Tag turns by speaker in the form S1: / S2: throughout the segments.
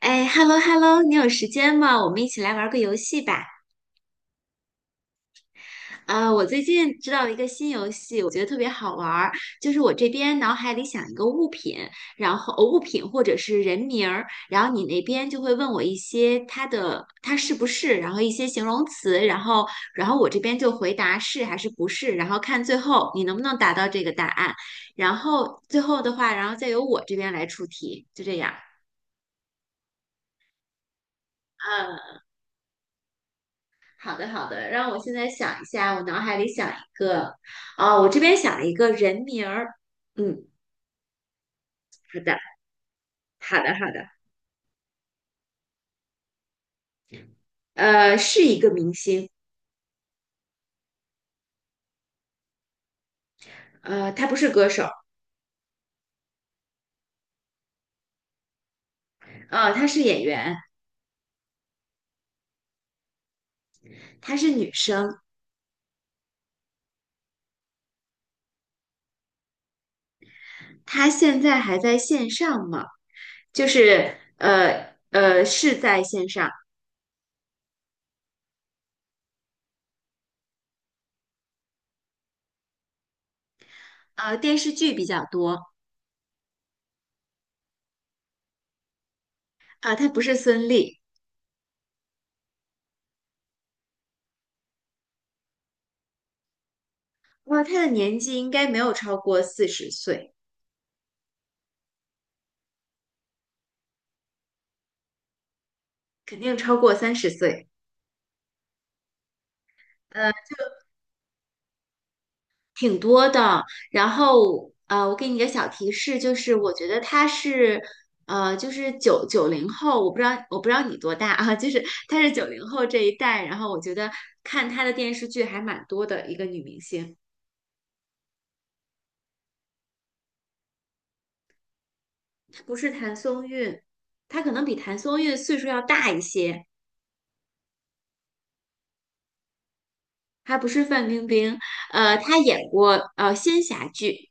S1: 哎，hello hello，你有时间吗？我们一起来玩个游戏吧。啊，我最近知道了一个新游戏，我觉得特别好玩儿。就是我这边脑海里想一个物品，然后物品或者是人名儿，然后你那边就会问我一些它是不是，然后一些形容词，然后我这边就回答是还是不是，然后看最后你能不能达到这个答案。然后最后的话，然后再由我这边来出题，就这样。嗯。好的，好的，让我现在想一下，我脑海里想一个，啊、我这边想了一个人名儿。嗯，好的，好的，好的。呃，是一个明星。呃，她不是歌手。呃，她是演员。她是女生。她现在还在线上吗？就是是在线上。呃，电视剧比较多。啊、她不是孙俪。哇、她的年纪应该没有超过40岁。肯定超过30岁。呃挺多的。然后我给你一个小提示，就是我觉得她是就是九零后，我不知道你多大啊，就是她是九零后这一代。然后我觉得看她的电视剧还蛮多的一个女明星。她不是谭松韵，她可能比谭松韵岁数要大一些。她不是范冰冰。她演过仙侠剧。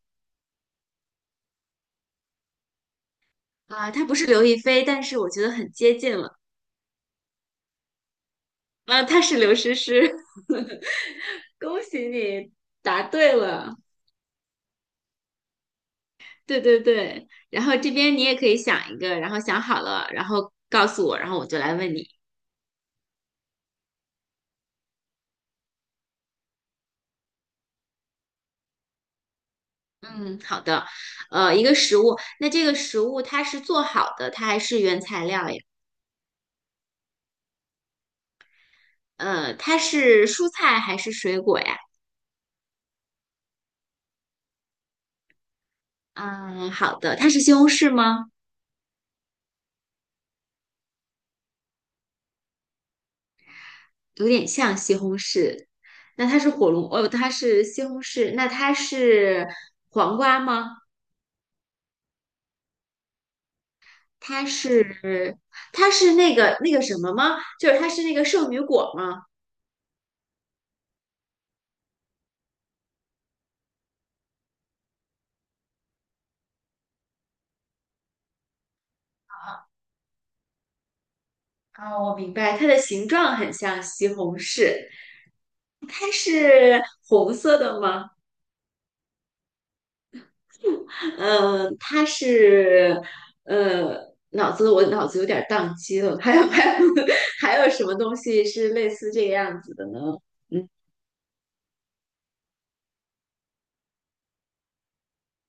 S1: 啊，她不是刘亦菲，但是我觉得很接近了。啊，她是刘诗诗。恭喜你答对了。对对对，然后这边你也可以想一个，然后想好了，然后告诉我，然后我就来问你。嗯，好的。一个食物，那这个食物它是做好的，它还是原材料呀？它是蔬菜还是水果呀？嗯，好的。它是西红柿吗？有点像西红柿。那它是火龙，哦，它是西红柿。那它是黄瓜吗？它是它是那个什么吗？就是它是那个圣女果吗？啊，我明白，它的形状很像西红柿。它是红色的吗？嗯，它是，呃，我脑子有点儿宕机了。还有 还有什么东西是类似这个样子的呢？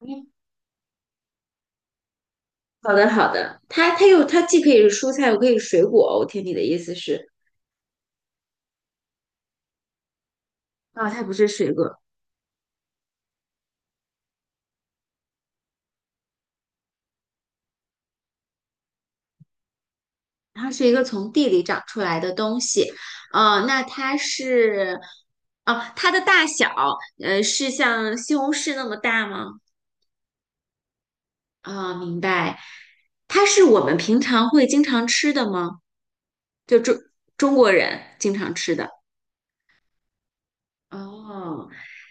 S1: 嗯，好的好的。它既可以是蔬菜，又可以是水果，我听你的意思是，啊，它不是水果。它是一个从地里长出来的东西。那它是，哦，它的大小，是像西红柿那么大吗？啊，明白。它是我们平常会经常吃的吗？就中中国人经常吃的。哦，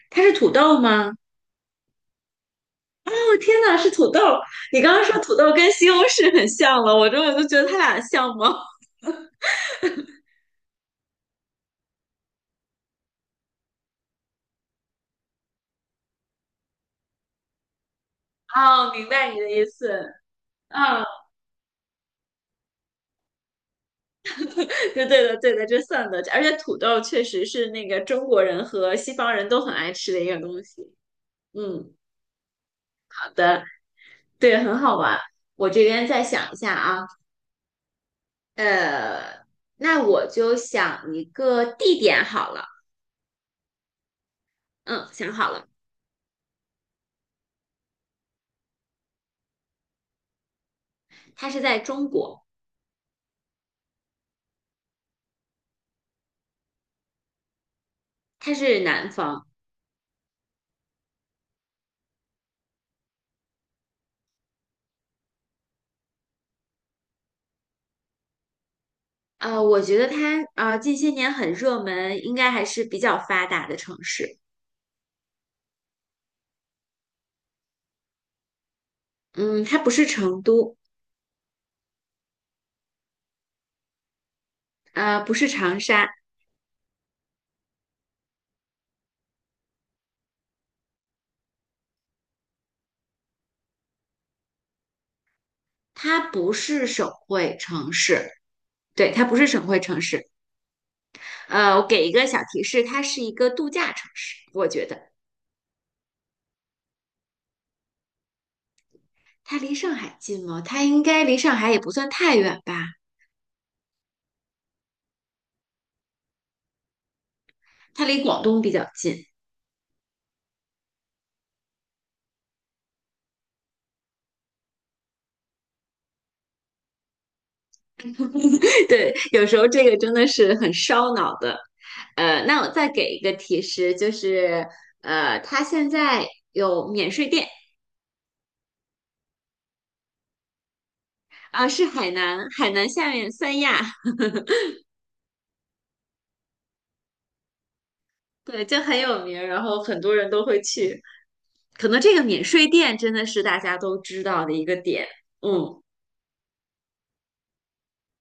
S1: 它是土豆吗？哦，天呐，是土豆！你刚刚说土豆跟西红柿很像了，我就觉得它俩像吗？哦，明白你的意思。嗯 对对的，对的，这算的。而且土豆确实是那个中国人和西方人都很爱吃的一个东西。嗯，好的。对，很好玩。我这边再想一下啊。呃，那我就想一个地点好了。嗯，想好了。它是在中国。它是南方。我觉得它近些年很热门，应该还是比较发达的城市。嗯，它不是成都。不是长沙。它不是省会城市。对，它不是省会城市。我给一个小提示，它是一个度假城市。我觉得它离上海近吗？它应该离上海也不算太远吧。它离广东比较近。对，有时候这个真的是很烧脑的。那我再给一个提示，就是它现在有免税店。啊、是海南，海南下面三亚。对，就很有名，然后很多人都会去。可能这个免税店真的是大家都知道的一个点。嗯，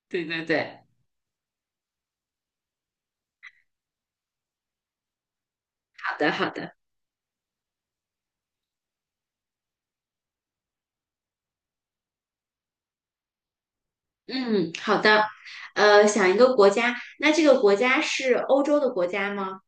S1: 对对对。好的，好的。嗯，好的。想一个国家，那这个国家是欧洲的国家吗？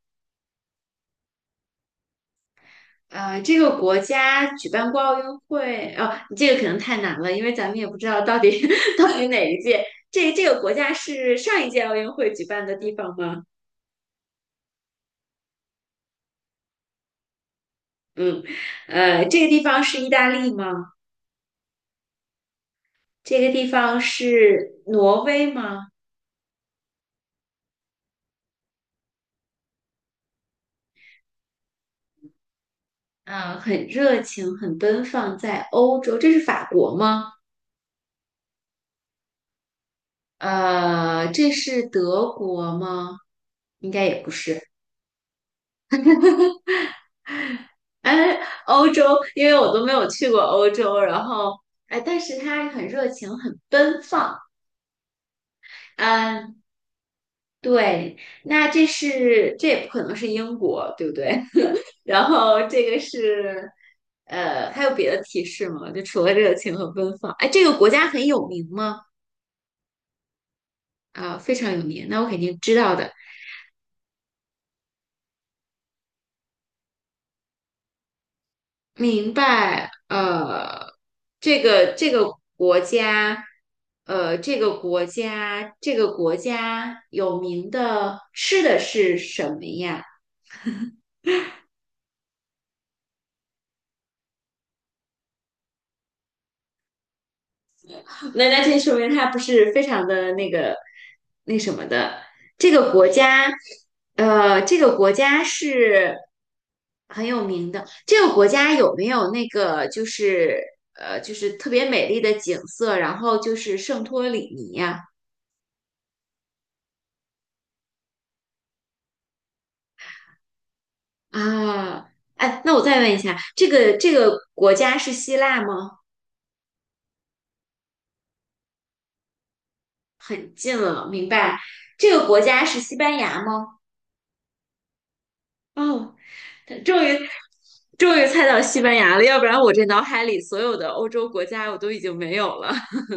S1: 这个国家举办过奥运会，哦，这个可能太难了，因为咱们也不知道到底 到底哪一届。这个国家是上一届奥运会举办的地方吗？嗯。这个地方是意大利吗？这个地方是挪威吗？嗯、很热情，很奔放，在欧洲，这是法国吗？这是德国吗？应该也不是。哎，欧洲，因为我都没有去过欧洲，然后哎，但是他很热情，很奔放。嗯，对，那这是这也不可能是英国，对不对？然后这个是还有别的提示吗？就除了热情和奔放，哎，这个国家很有名吗？啊，非常有名，那我肯定知道的。明白。这个国家，这个国家，这个国家有名的吃的是什么呀？那这说明它不是非常的那个那什么的。这个国家，这个国家是很有名的。这个国家有没有那个就是就是特别美丽的景色，然后就是圣托里尼呀？啊，哎，那我再问一下，这个国家是希腊吗？很近了，明白。这个国家是西班牙吗？哦，终于终于猜到西班牙了，要不然我这脑海里所有的欧洲国家我都已经没有了。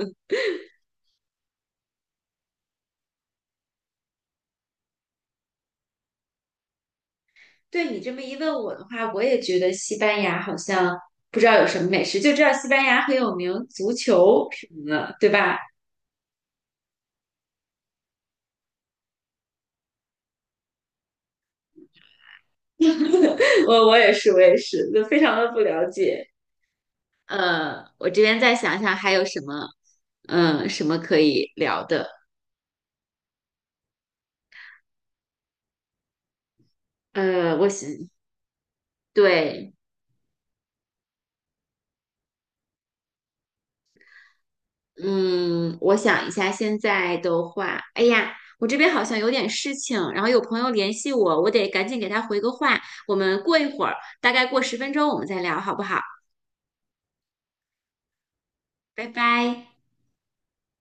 S1: 对你这么一问我的话，我也觉得西班牙好像不知道有什么美食，就知道西班牙很有名足球什么的，对吧？我也是，我也是，就非常的不了解。我这边再想想还有什么。什么可以聊的？我想，对。嗯，我想一下，现在的话，哎呀，我这边好像有点事情，然后有朋友联系我，我得赶紧给他回个话。我们过一会儿，大概过10分钟，我们再聊，好不好？拜拜。